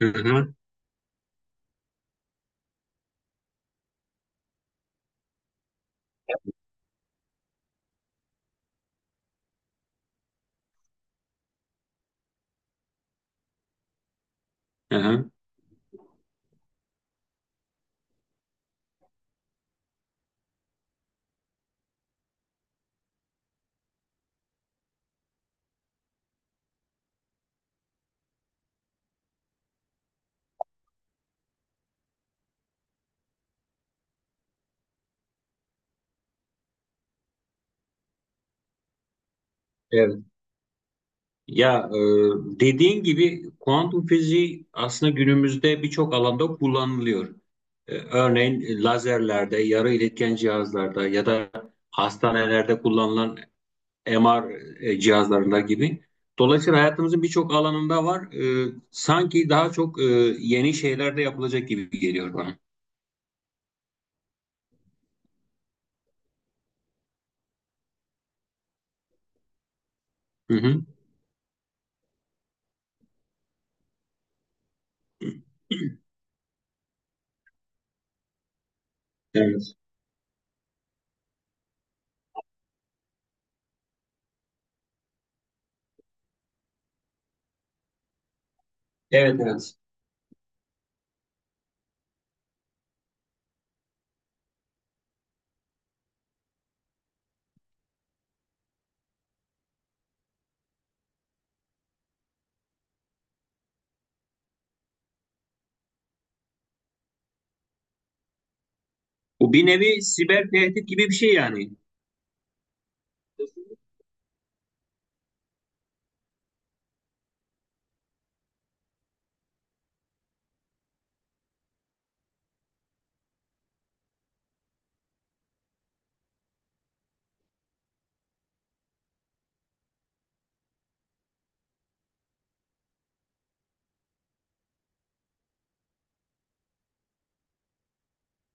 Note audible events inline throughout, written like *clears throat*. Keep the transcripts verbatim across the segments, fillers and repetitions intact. Hı hı, hı hı. Evet. Ya e, dediğin gibi kuantum fiziği aslında günümüzde birçok alanda kullanılıyor. E, örneğin e, lazerlerde, yarı iletken cihazlarda ya da hastanelerde kullanılan M R e, cihazlarında gibi. Dolayısıyla hayatımızın birçok alanında var. E, sanki daha çok e, yeni şeyler de yapılacak gibi geliyor bana. Hı hı. Evet. Evet, evet. Bu bir nevi siber tehdit gibi bir şey yani.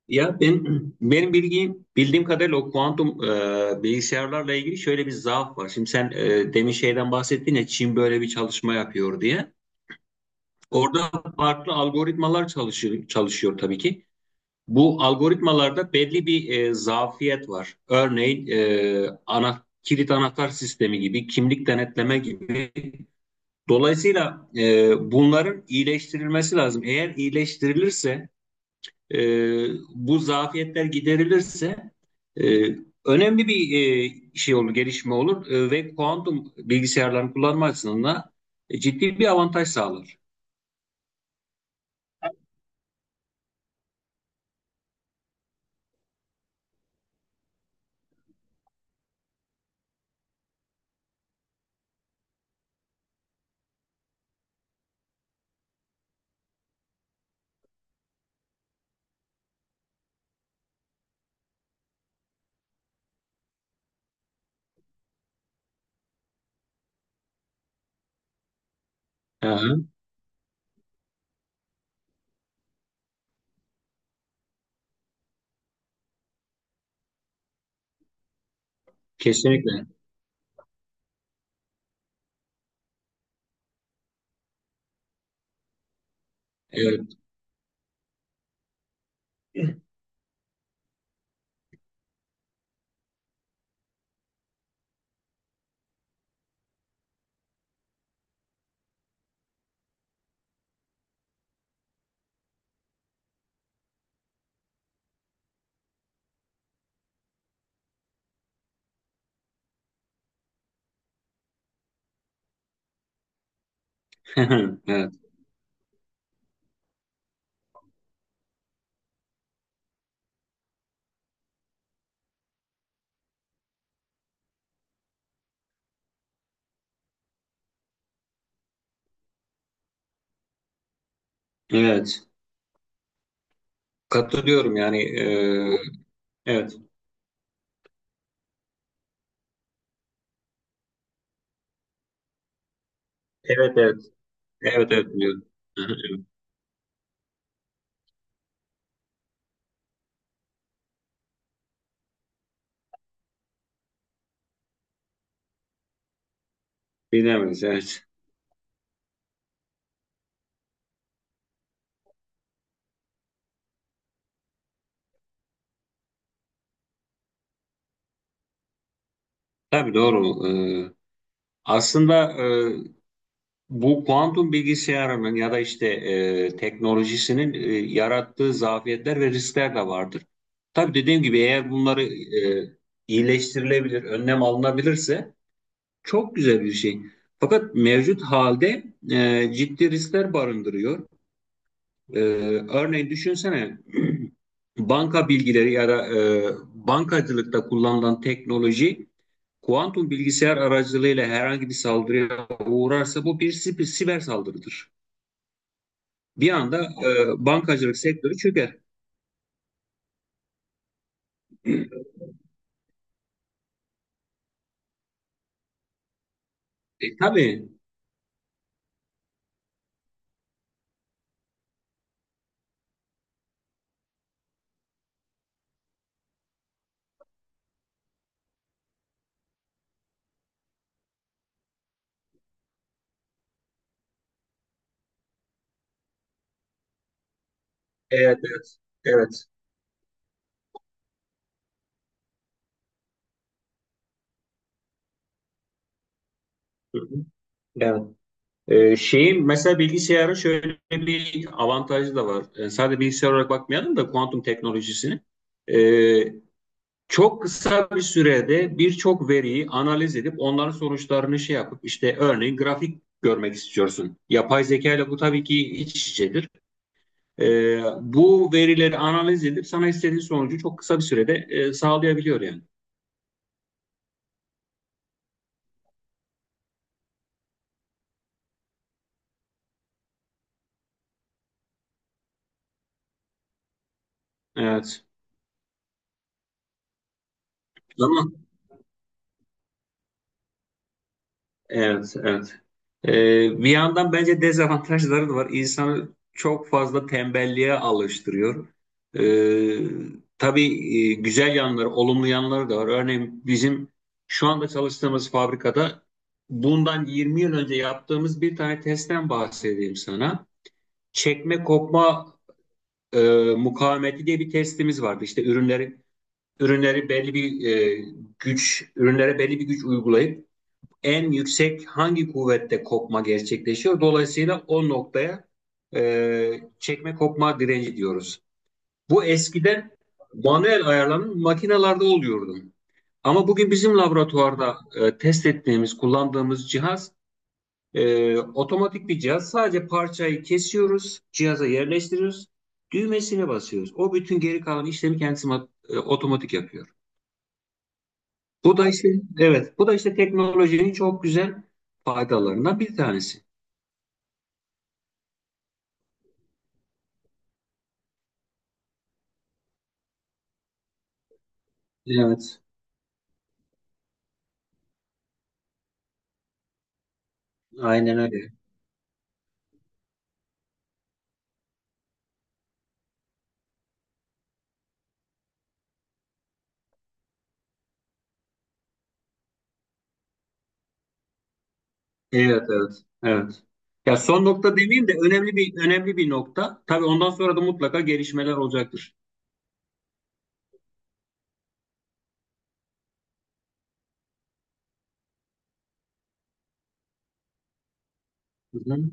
Ya ben benim bilgim bildiğim kadarıyla o kuantum e, bilgisayarlarla ilgili şöyle bir zaaf var. Şimdi sen e, demin şeyden bahsettin ya, Çin böyle bir çalışma yapıyor diye. Orada farklı algoritmalar çalışıyor, çalışıyor tabii ki. Bu algoritmalarda belli bir e, zafiyet var. Örneğin e, ana kilit anahtar sistemi gibi, kimlik denetleme gibi. Dolayısıyla e, bunların iyileştirilmesi lazım. Eğer iyileştirilirse e, bu zafiyetler giderilirse e, önemli bir e, şey olur, gelişme olur E, ve kuantum bilgisayarların kullanma açısından e, ciddi bir avantaj sağlar. Hı, kesinlikle. Evet. *laughs* Evet. Evet. Katılıyorum yani. E, evet. Evet, evet. Evet, evet biliyorum. *laughs* Hı, evet. Bilemeyiz, evet. Tabii, doğru. E, aslında, e, bu kuantum bilgisayarının ya da işte e, teknolojisinin e, yarattığı zafiyetler ve riskler de vardır. Tabii dediğim gibi, eğer bunları e, iyileştirilebilir, önlem alınabilirse çok güzel bir şey. Fakat mevcut halde e, ciddi riskler barındırıyor. E, örneğin düşünsene, *clears throat* banka bilgileri ya da e, bankacılıkta kullanılan teknoloji kuantum bilgisayar aracılığıyla herhangi bir saldırıya uğrarsa, bu bir siber siber saldırıdır, bir anda e, bankacılık sektörü çöker. E, tabii. Evet, evet. Evet. Hı hı. Evet. E, şeyin mesela bilgisayarın şöyle bir avantajı da var. E, sadece bilgisayar olarak bakmayalım da kuantum teknolojisini. E, çok kısa bir sürede birçok veriyi analiz edip onların sonuçlarını şey yapıp işte örneğin grafik görmek istiyorsun. Yapay zeka ile bu tabii ki iç içedir. E, bu verileri analiz edip sana istediğin sonucu çok kısa bir sürede e, sağlayabiliyor yani. Evet. Ama evet, evet. Ee, bir yandan bence dezavantajları da var. İnsanı çok fazla tembelliğe alıştırıyor. Ee, tabii e, güzel yanları, olumlu yanları da var. Örneğin bizim şu anda çalıştığımız fabrikada bundan yirmi yıl önce yaptığımız bir tane testten bahsedeyim sana. Çekme kopma e, mukavemeti diye bir testimiz vardı. İşte ürünleri ürünleri belli bir e, güç, ürünlere belli bir güç uygulayıp en yüksek hangi kuvvette kopma gerçekleşiyor? Dolayısıyla o noktaya e, çekme kopma direnci diyoruz. Bu eskiden manuel ayarlanan makinalarda oluyordu. Ama bugün bizim laboratuvarda e, test ettiğimiz, kullandığımız cihaz e, otomatik bir cihaz. Sadece parçayı kesiyoruz, cihaza yerleştiriyoruz, düğmesine basıyoruz. O bütün geri kalan işlemi kendisi e, otomatik yapıyor. Bu da işte Evet, bu da işte teknolojinin çok güzel faydalarından bir tanesi. Evet, aynen öyle. Evet, evet, evet. Ya son nokta demeyeyim de önemli bir önemli bir nokta. Tabii ondan sonra da mutlaka gelişmeler olacaktır. Hı hı.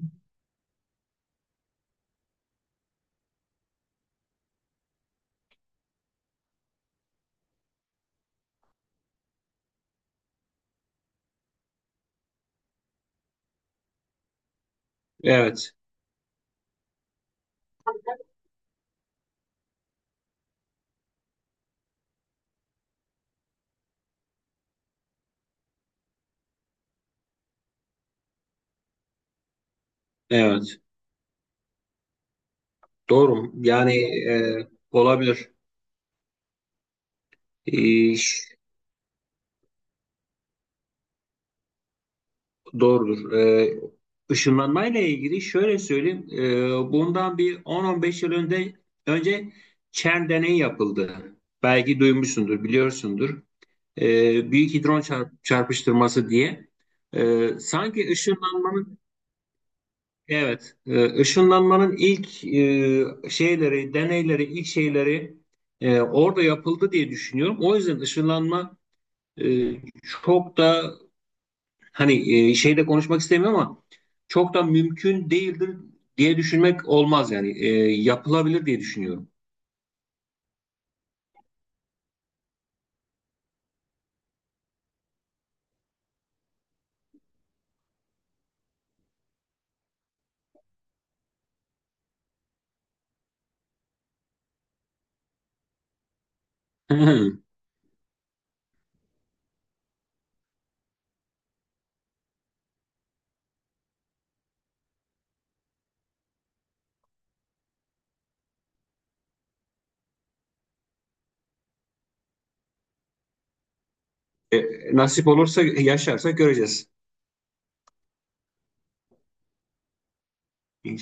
Evet, evet. Doğru. Yani e, olabilir. E, ş- Doğrudur. E, ışınlanmayla ilgili şöyle söyleyeyim. E, bundan bir on on beş yıl önce önce CERN deneyi yapıldı. Belki duymuşsundur, biliyorsundur. e, büyük hidron çarp- çarpıştırması diye. E, sanki ışınlanmanın, evet, e, ışınlanmanın ilk e, şeyleri, deneyleri, ilk şeyleri e, orada yapıldı diye düşünüyorum. O yüzden ışınlanma e, çok da, hani, e, şeyde konuşmak istemiyorum ama çok da mümkün değildir diye düşünmek olmaz yani. E, yapılabilir diye düşünüyorum. *laughs* E, nasip olursa, yaşarsak göreceğiz.